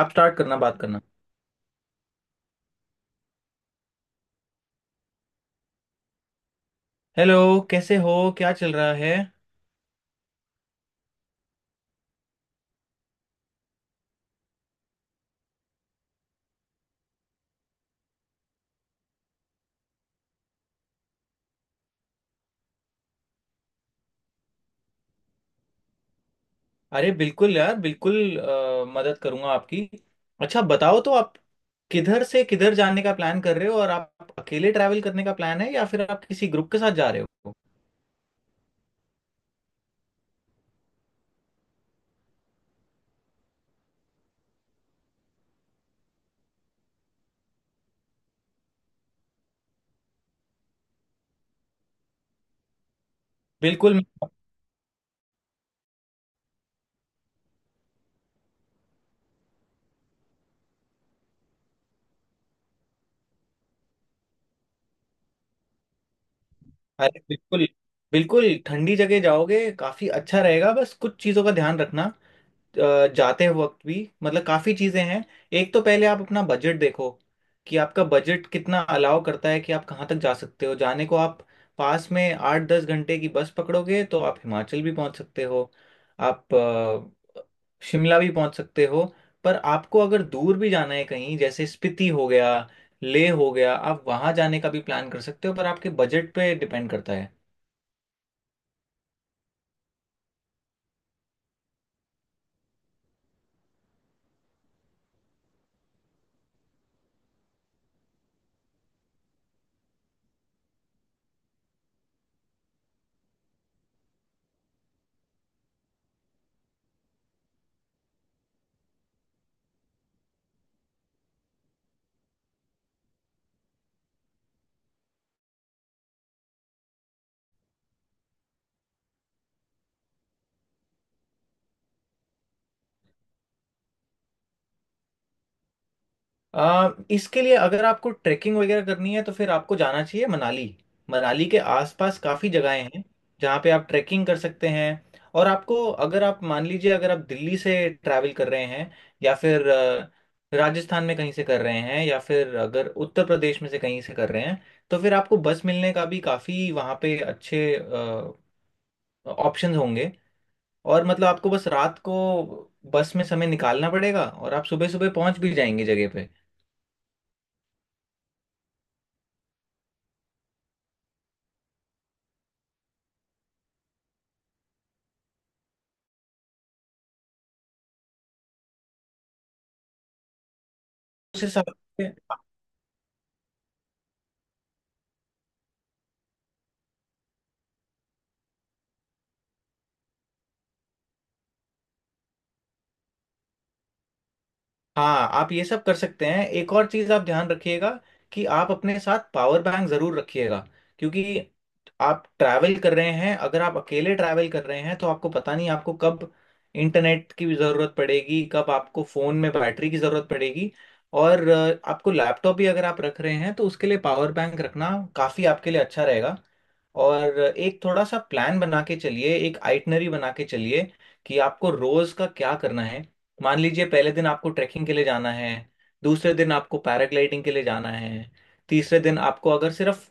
आप स्टार्ट करना बात करना। हेलो, कैसे हो, क्या चल रहा है? अरे बिल्कुल यार, बिल्कुल मदद करूंगा आपकी। अच्छा बताओ तो आप किधर से किधर जाने का प्लान कर रहे हो, और आप अकेले ट्रैवल करने का प्लान है या फिर आप किसी ग्रुप के साथ जा रहे हो? बिल्कुल अरे बिल्कुल, बिल्कुल ठंडी जगह जाओगे काफी अच्छा रहेगा। बस कुछ चीजों का ध्यान रखना जाते वक्त भी, मतलब काफ़ी चीज़ें हैं। एक तो पहले आप अपना बजट देखो कि आपका बजट कितना अलाउ करता है, कि आप कहाँ तक जा सकते हो। जाने को आप पास में आठ दस घंटे की बस पकड़ोगे तो आप हिमाचल भी पहुँच सकते हो। आप शिमला भी पहुँच सकते हो। पर आपको अगर दूर भी जाना है कहीं जैसे स्पीति हो गया, लेह हो गया, आप वहाँ जाने का भी प्लान कर सकते हो, पर आपके बजट पे डिपेंड करता है। इसके लिए अगर आपको ट्रैकिंग वगैरह करनी है तो फिर आपको जाना चाहिए मनाली। मनाली के आसपास काफ़ी जगहें हैं जहाँ पे आप ट्रैकिंग कर सकते हैं। और आपको, अगर आप मान लीजिए अगर आप दिल्ली से ट्रैवल कर रहे हैं, या फिर राजस्थान में कहीं से कर रहे हैं, या फिर अगर उत्तर प्रदेश में से कहीं से कर रहे हैं, तो फिर आपको बस मिलने का भी काफ़ी वहाँ पे अच्छे ऑप्शंस होंगे। और मतलब आपको बस रात को बस में समय निकालना पड़ेगा और आप सुबह सुबह पहुंच भी जाएंगे जगह पे। उस हिसाब से हाँ, आप ये सब कर सकते हैं। एक और चीज आप ध्यान रखिएगा कि आप अपने साथ पावर बैंक जरूर रखिएगा, क्योंकि आप ट्रैवल कर रहे हैं, अगर आप अकेले ट्रैवल कर रहे हैं तो आपको पता नहीं आपको कब इंटरनेट की भी जरूरत पड़ेगी, कब आपको फोन में बैटरी की जरूरत पड़ेगी। और आपको लैपटॉप भी अगर आप रख रहे हैं तो उसके लिए पावर बैंक रखना काफी आपके लिए अच्छा रहेगा। और एक थोड़ा सा प्लान बना के चलिए, एक आइटनरी बना के चलिए कि आपको रोज का क्या करना है। मान लीजिए पहले दिन आपको ट्रैकिंग के लिए जाना है, दूसरे दिन आपको पैराग्लाइडिंग के लिए जाना है, तीसरे दिन आपको अगर सिर्फ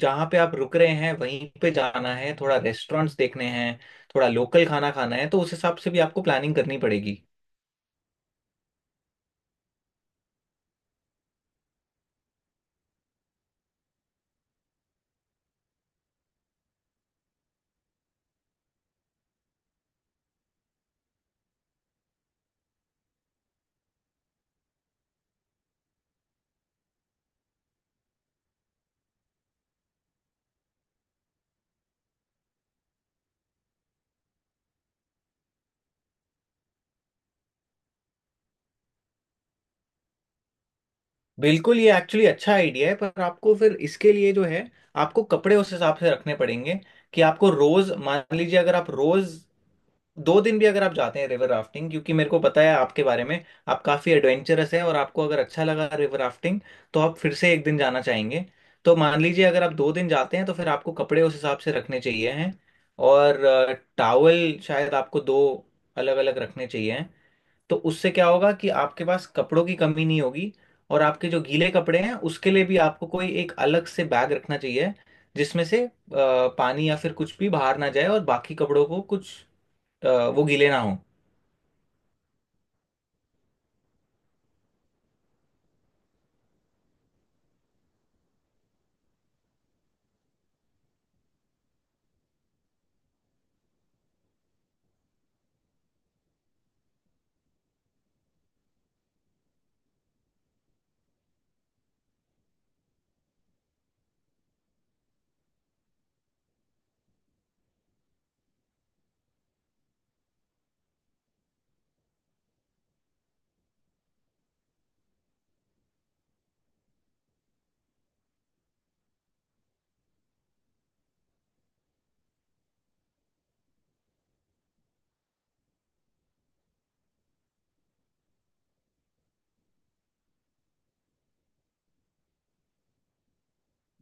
जहाँ पे आप रुक रहे हैं वहीं पे जाना है, थोड़ा रेस्टोरेंट्स देखने हैं, थोड़ा लोकल खाना खाना है, तो उस हिसाब से भी आपको प्लानिंग करनी पड़ेगी। बिल्कुल, ये एक्चुअली अच्छा आइडिया है, पर आपको फिर इसके लिए जो है, आपको कपड़े उस हिसाब से रखने पड़ेंगे। कि आपको रोज मान लीजिए अगर आप रोज दो दिन भी अगर आप जाते हैं रिवर राफ्टिंग, क्योंकि मेरे को पता है आपके बारे में, आप काफ़ी एडवेंचरस है, और आपको अगर अच्छा लगा रिवर राफ्टिंग तो आप फिर से एक दिन जाना चाहेंगे। तो मान लीजिए अगर आप दो दिन जाते हैं, तो फिर आपको कपड़े उस हिसाब से रखने चाहिए हैं। और टावल शायद आपको दो अलग अलग रखने चाहिए हैं। तो उससे क्या होगा कि आपके पास कपड़ों की कमी नहीं होगी। और आपके जो गीले कपड़े हैं उसके लिए भी आपको कोई एक अलग से बैग रखना चाहिए, जिसमें से पानी या फिर कुछ भी बाहर ना जाए और बाकी कपड़ों को कुछ अ, वो गीले ना हो।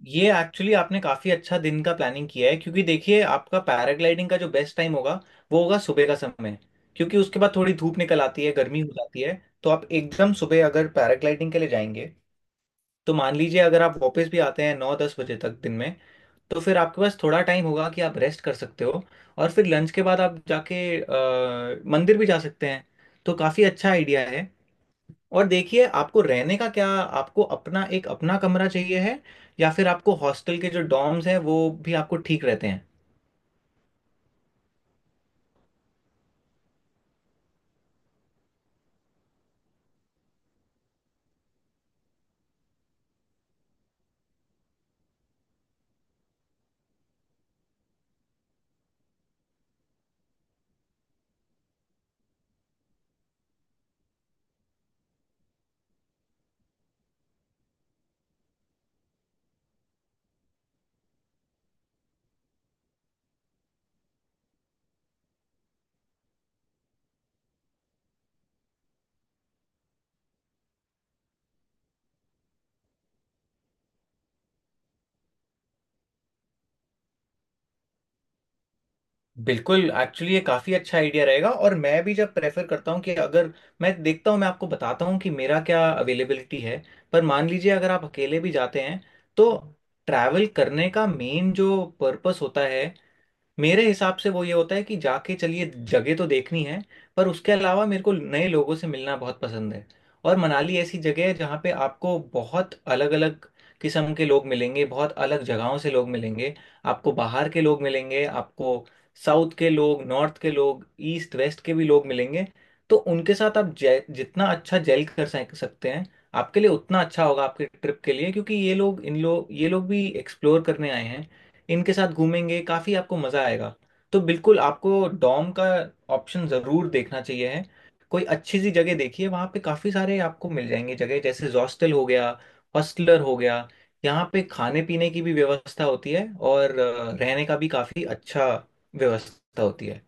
ये एक्चुअली आपने काफी अच्छा दिन का प्लानिंग किया है, क्योंकि देखिए आपका पैराग्लाइडिंग का जो बेस्ट टाइम होगा वो होगा सुबह का समय, क्योंकि उसके बाद थोड़ी धूप निकल आती है, गर्मी हो जाती है। तो आप एकदम सुबह अगर पैराग्लाइडिंग के लिए जाएंगे, तो मान लीजिए अगर आप वापस भी आते हैं नौ दस बजे तक दिन में, तो फिर आपके पास थोड़ा टाइम होगा कि आप रेस्ट कर सकते हो, और फिर लंच के बाद आप जाके मंदिर भी जा सकते हैं। तो काफी अच्छा आइडिया है। और देखिए आपको रहने का क्या, आपको अपना एक अपना कमरा चाहिए है, या फिर आपको हॉस्टल के जो डॉर्म्स हैं वो भी आपको ठीक रहते हैं? बिल्कुल, एक्चुअली ये काफ़ी अच्छा आइडिया रहेगा, और मैं भी जब प्रेफर करता हूँ कि अगर, मैं देखता हूँ, मैं आपको बताता हूँ कि मेरा क्या अवेलेबिलिटी है। पर मान लीजिए अगर आप अकेले भी जाते हैं, तो ट्रैवल करने का मेन जो पर्पस होता है मेरे हिसाब से वो ये होता है कि जाके चलिए, जगह तो देखनी है, पर उसके अलावा मेरे को नए लोगों से मिलना बहुत पसंद है। और मनाली ऐसी जगह है जहाँ पे आपको बहुत अलग अलग किस्म के लोग मिलेंगे, बहुत अलग जगहों से लोग मिलेंगे। आपको बाहर के लोग मिलेंगे, आपको साउथ के लोग, नॉर्थ के लोग, ईस्ट वेस्ट के भी लोग मिलेंगे। तो उनके साथ आप जितना अच्छा जेल कर सकते हैं, आपके लिए उतना अच्छा होगा, आपके ट्रिप के लिए, क्योंकि ये लोग इन लोग ये लोग भी एक्सप्लोर करने आए हैं। इनके साथ घूमेंगे, काफ़ी आपको मज़ा आएगा। तो बिल्कुल आपको डॉम का ऑप्शन ज़रूर देखना चाहिए है। कोई अच्छी सी जगह देखिए, वहाँ पे काफ़ी सारे आपको मिल जाएंगे जगह, जैसे हॉस्टल हो गया, हॉस्टलर हो गया। यहाँ पे खाने पीने की भी व्यवस्था होती है, और रहने का भी काफ़ी अच्छा व्यवस्था होती है।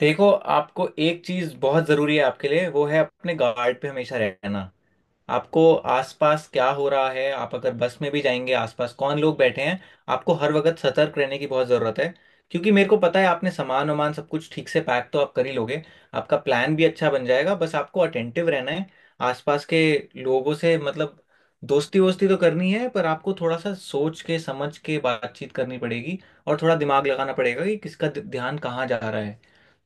देखो आपको एक चीज़ बहुत ज़रूरी है आपके लिए, वो है अपने गार्ड पे हमेशा रहना। आपको आसपास क्या हो रहा है, आप अगर बस में भी जाएंगे आसपास कौन लोग बैठे हैं, आपको हर वक्त सतर्क रहने की बहुत ज़रूरत है। क्योंकि मेरे को पता है आपने सामान वामान सब कुछ ठीक से पैक तो आप कर ही लोगे, आपका प्लान भी अच्छा बन जाएगा, बस आपको अटेंटिव रहना है। आसपास के लोगों से, मतलब दोस्ती वोस्ती तो करनी है, पर आपको थोड़ा सा सोच के समझ के बातचीत करनी पड़ेगी, और थोड़ा दिमाग लगाना पड़ेगा कि किसका ध्यान कहाँ जा रहा है।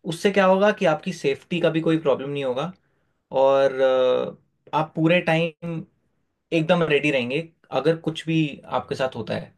उससे क्या होगा कि आपकी सेफ्टी का भी कोई प्रॉब्लम नहीं होगा। और आप पूरे टाइम एकदम रेडी रहेंगे अगर कुछ भी आपके साथ होता है।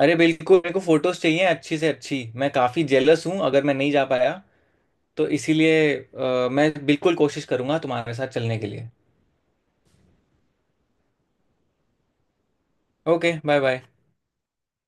अरे बिल्कुल, मेरे को फोटोज चाहिए अच्छी से अच्छी। मैं काफी जेलस हूँ, अगर मैं नहीं जा पाया तो इसीलिए मैं बिल्कुल कोशिश करूंगा तुम्हारे साथ चलने के लिए। Okay, bye bye.